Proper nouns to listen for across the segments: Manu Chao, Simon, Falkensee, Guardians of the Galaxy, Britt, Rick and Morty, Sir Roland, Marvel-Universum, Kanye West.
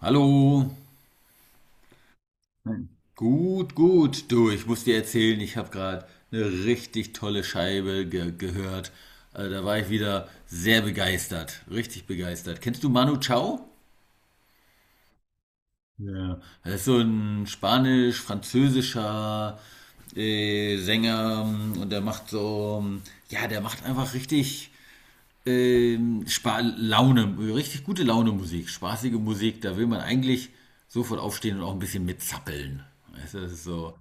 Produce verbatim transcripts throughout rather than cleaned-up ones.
Hallo. Nein. Gut, gut. Du, ich muss dir erzählen, ich habe gerade eine richtig tolle Scheibe ge gehört. Also da war ich wieder sehr begeistert, richtig begeistert. Kennst du Manu Chao? Ja. er ist so ein spanisch-französischer äh, Sänger ähm, und der macht so, ähm, ja, der macht einfach richtig ähm, Spa Laune, richtig gute Laune Musik, spaßige Musik. Da will man eigentlich sofort aufstehen und auch ein bisschen mitzappeln. Weißt du, das ist so.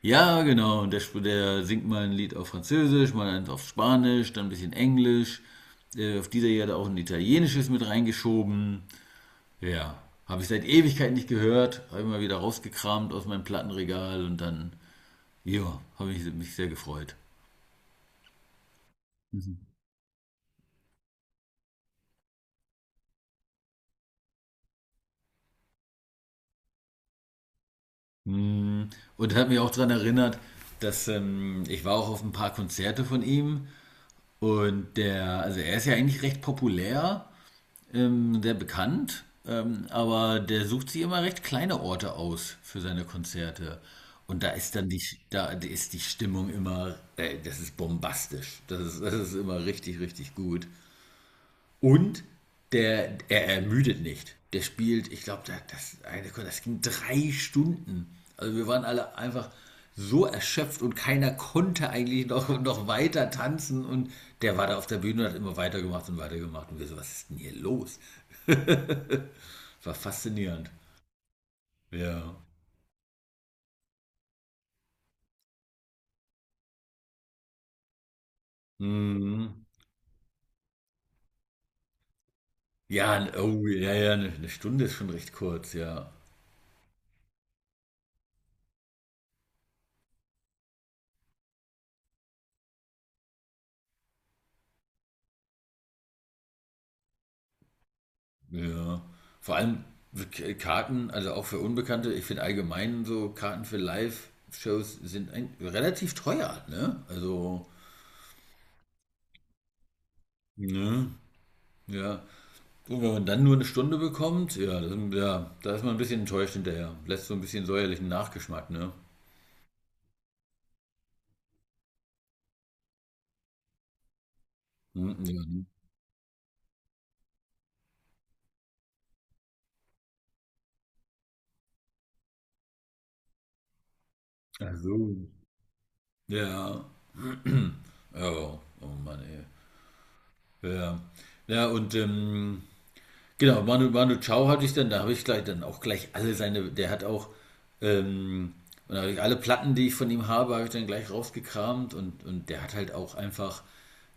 Ja, genau. Und der, sp- der singt mal ein Lied auf Französisch, mal eins auf Spanisch, dann ein bisschen Englisch. Äh, auf dieser Erde auch ein italienisches mit reingeschoben. Ja, habe ich seit Ewigkeit nicht gehört. Habe ich mal wieder rausgekramt aus meinem Plattenregal und dann, ja, habe ich mich sehr gefreut. Mm. Und hat mich auch daran erinnert, dass ähm, ich war auch auf ein paar Konzerte von ihm und der, also er ist ja eigentlich recht populär, ähm, sehr bekannt, ähm, aber der sucht sich immer recht kleine Orte aus für seine Konzerte. Und da ist dann die, da ist die Stimmung immer, äh, das ist bombastisch. Das ist, das ist immer richtig, richtig gut. Und der, er ermüdet nicht. Der spielt, ich glaube, das, das, ging drei Stunden. Also wir waren alle einfach so erschöpft und keiner konnte eigentlich noch, noch weiter tanzen. Und der war da auf der Bühne und hat immer weitergemacht und weitergemacht. Und wir so, was ist denn hier los? War faszinierend. Ja. Mhm. Ja, oh, ja, ja, eine, eine Stunde ist schon recht kurz, ja. Ja. Vor allem Karten, also auch für Unbekannte, ich finde allgemein so Karten für Live-Shows sind ein, relativ teuer, ne? Also, ne? Ja. Und wenn man dann nur eine Stunde bekommt, ja, das, ja, da ist man ein bisschen enttäuscht hinterher. Lässt so ein bisschen säuerlichen Nachgeschmack, ne? Hm. Ja. Ne? Ach so. Ja. Oh, oh Mann, ey. Ja. Ja, und ähm, genau, Manu, Manu Chao hatte ich dann, da habe ich gleich dann auch gleich alle seine, der hat auch, ähm, und da habe ich alle Platten, die ich von ihm habe, habe ich dann gleich rausgekramt und, und der hat halt auch einfach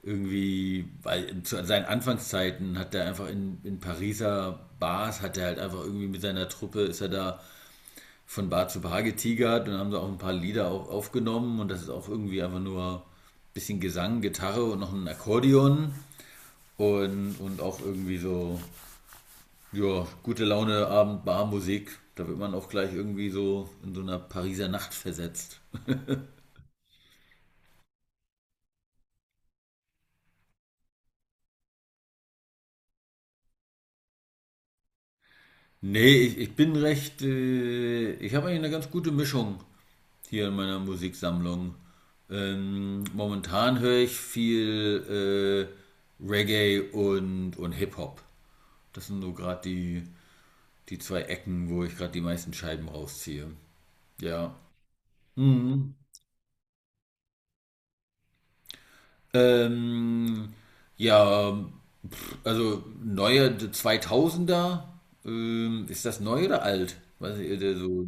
irgendwie, weil in- zu seinen Anfangszeiten hat er einfach in, in Pariser Bars, hat er halt einfach irgendwie mit seiner Truppe, ist er da von Bar zu Bar getigert und haben da auch ein paar Lieder auch aufgenommen und das ist auch irgendwie einfach nur ein bisschen Gesang, Gitarre und noch ein Akkordeon und, und auch irgendwie so ja, gute Laune, Abend, Barmusik. Da wird man auch gleich irgendwie so in so einer Pariser Nacht versetzt. Nee, ich, ich bin recht. Äh, ich habe eigentlich eine ganz gute Mischung hier in meiner Musiksammlung. Ähm, momentan höre ich viel äh, Reggae und, und Hip-Hop. Das sind so gerade die, die zwei Ecken, wo ich gerade die meisten Scheiben rausziehe. Ja. Mhm. Ähm, ja, Also neue zweitausender, ähm, ist das neu oder alt? Weiß ich, der so,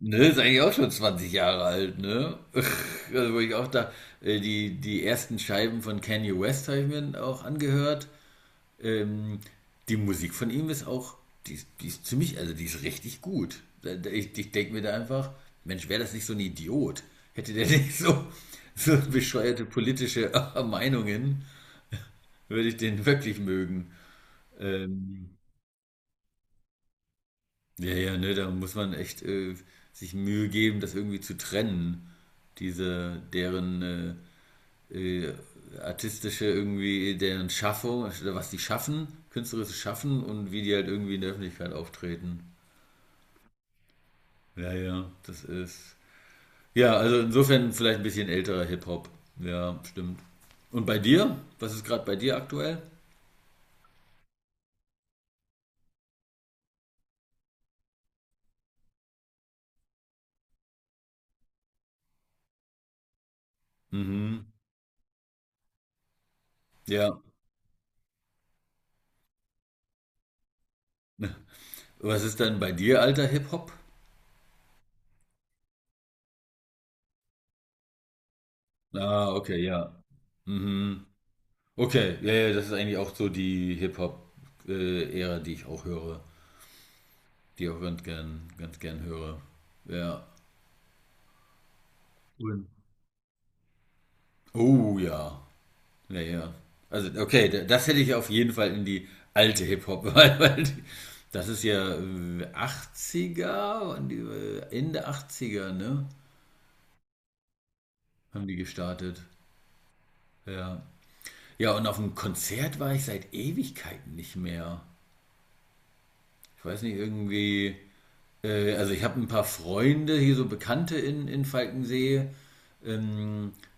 ne, ist eigentlich auch schon zwanzig Jahre alt, ne? Also wo ich auch da, äh, die, die ersten Scheiben von Kanye West habe ich mir auch angehört. Ähm, Die Musik von ihm ist auch, die, ist- die ist ziemlich, also die ist richtig gut. Da- da- Ich, ich denke mir da einfach, Mensch, wäre das nicht so ein Idiot? Hätte der nicht so, so bescheuerte politische Meinungen, würde ich den wirklich mögen. Ähm, Ja, ja, ne, da muss man echt äh, sich Mühe geben, das irgendwie zu trennen. Diese, deren äh, äh, artistische irgendwie, deren Schaffung, was die schaffen, künstlerisches Schaffen und wie die halt irgendwie in der Öffentlichkeit auftreten. Ja, ja, das ist. Ja, also insofern vielleicht ein bisschen älterer Hip-Hop. Ja, stimmt. Und bei dir? Was ist gerade bei dir aktuell? Mhm. Ja. Was ist denn bei dir alter Hip-Hop? Ah, okay, ja. Mhm. Okay, ja, ja, das ist eigentlich auch so die Hip-Hop-Ära, die ich auch höre, die ich auch ganz gern, ganz gern höre. Ja. Cool. Oh ja. Ja, ja. Also, okay, da- das hätte ich auf jeden Fall in die alte Hip-Hop, weil, weil die, das ist ja äh, achtziger, waren die, äh, Ende achtziger, ne? Haben die gestartet. Ja. Ja, und auf dem Konzert war ich seit Ewigkeiten nicht mehr. Ich weiß nicht, irgendwie. Äh, also ich habe ein paar Freunde, hier so Bekannte in, in Falkensee.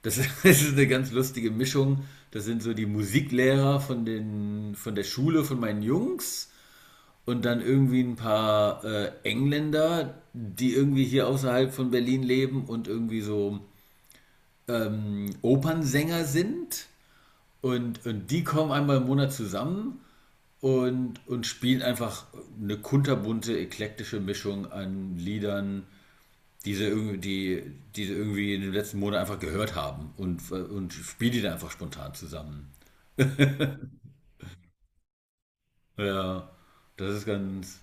Das ist, das ist eine ganz lustige Mischung. Das sind so die Musiklehrer von, den, von der Schule von meinen Jungs und dann irgendwie ein paar äh, Engländer, die irgendwie hier außerhalb von Berlin leben und irgendwie so ähm, Opernsänger sind. Und, und die kommen einmal im Monat zusammen und, und spielen einfach eine kunterbunte, eklektische Mischung an Liedern diese, irgendwie- die, diese irgendwie in den letzten Monaten einfach gehört haben und, und spiele die dann einfach spontan zusammen. Ja, das ist ganz.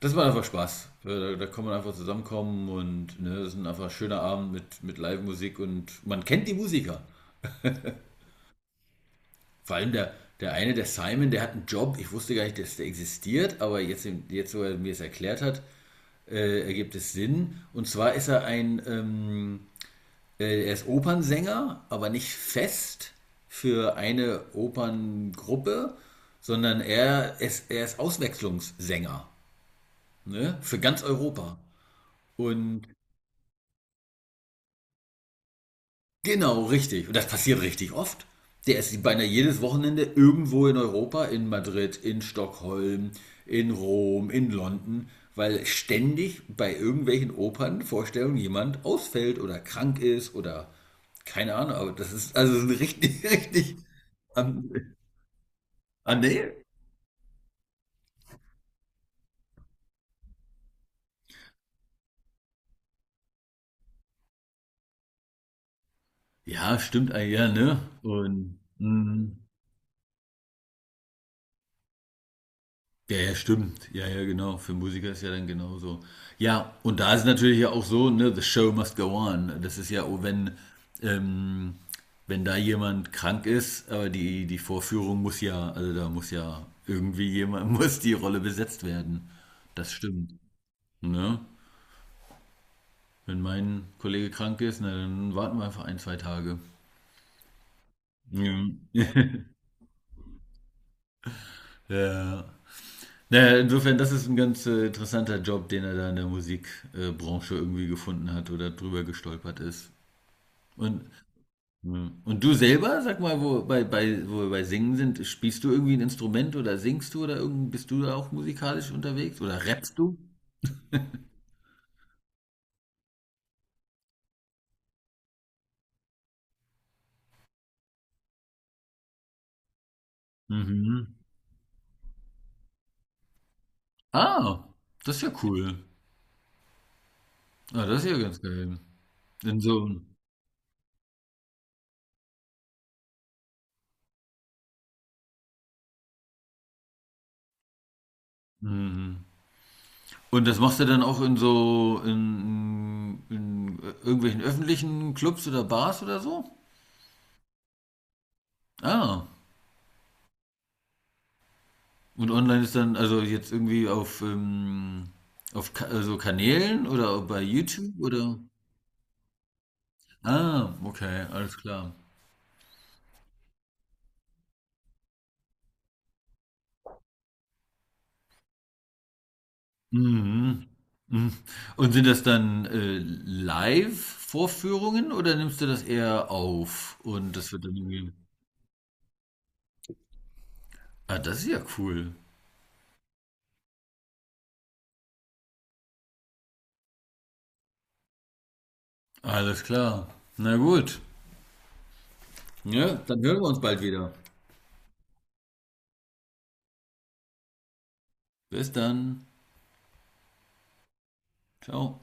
Das macht einfach Spaß. Ja, da, da kann man einfach zusammenkommen und ne, das ist ein einfach schöner Abend mit, mit Live-Musik und man kennt die Musiker. Vor allem der, der eine, der Simon, der hat einen Job. Ich wusste gar nicht, dass der existiert, aber jetzt, jetzt wo er mir es erklärt hat, äh, ergibt es Sinn. Und zwar ist er ein, ähm, Äh, er ist Opernsänger, aber nicht fest für eine Operngruppe, sondern er ist, er ist Auswechslungssänger, ne? Für ganz Europa. Und genau, richtig. Und das passiert richtig oft. Der ist beinahe jedes Wochenende irgendwo in Europa, in Madrid, in Stockholm, in Rom, in London, weil ständig bei irgendwelchen Opernvorstellungen jemand ausfällt oder krank ist oder keine Ahnung, aber das ist also ein richtig, richtig an, an der. Ja, stimmt eigentlich, ja, ne? Und mm. Ja, ja, stimmt. Ja, ja, genau. Für Musiker ist ja dann genauso. Ja, und da ist natürlich ja auch so, ne, the show must go on. Das ist ja, oh, wenn, ähm, wenn da jemand krank ist, aber die, die Vorführung muss ja, also da muss ja irgendwie jemand, muss die Rolle besetzt werden. Das stimmt. Ne? Wenn mein Kollege krank ist, na, dann warten wir einfach ein, zwei Tage. Ja. Ja. Naja, insofern, das ist ein ganz äh, interessanter Job, den er da in der Musikbranche irgendwie gefunden hat oder drüber gestolpert ist. Und, mh, und du selber, sag mal, wo, bei, bei, wo wir bei Singen sind, spielst du irgendwie ein Instrument oder singst du oder irgend, bist du da auch musikalisch unterwegs oder rappst du? Mhm. Ah, das ist ja cool. Ah, das ist ja ganz geil. In so, mhm. Und das machst du dann auch in so in, in irgendwelchen öffentlichen Clubs oder Bars oder so? Ah. Und online ist dann, also jetzt irgendwie auf, ähm, auf Ka also Kanälen oder bei YouTube oder? Ah, okay, alles klar. Mhm. Mhm. Und sind das dann äh, Live-Vorführungen oder nimmst du das eher auf? Und das wird dann irgendwie. Ah, das ist ja cool. Alles klar. Na gut. Ja, dann hören wir uns bald wieder. Bis dann. Ciao.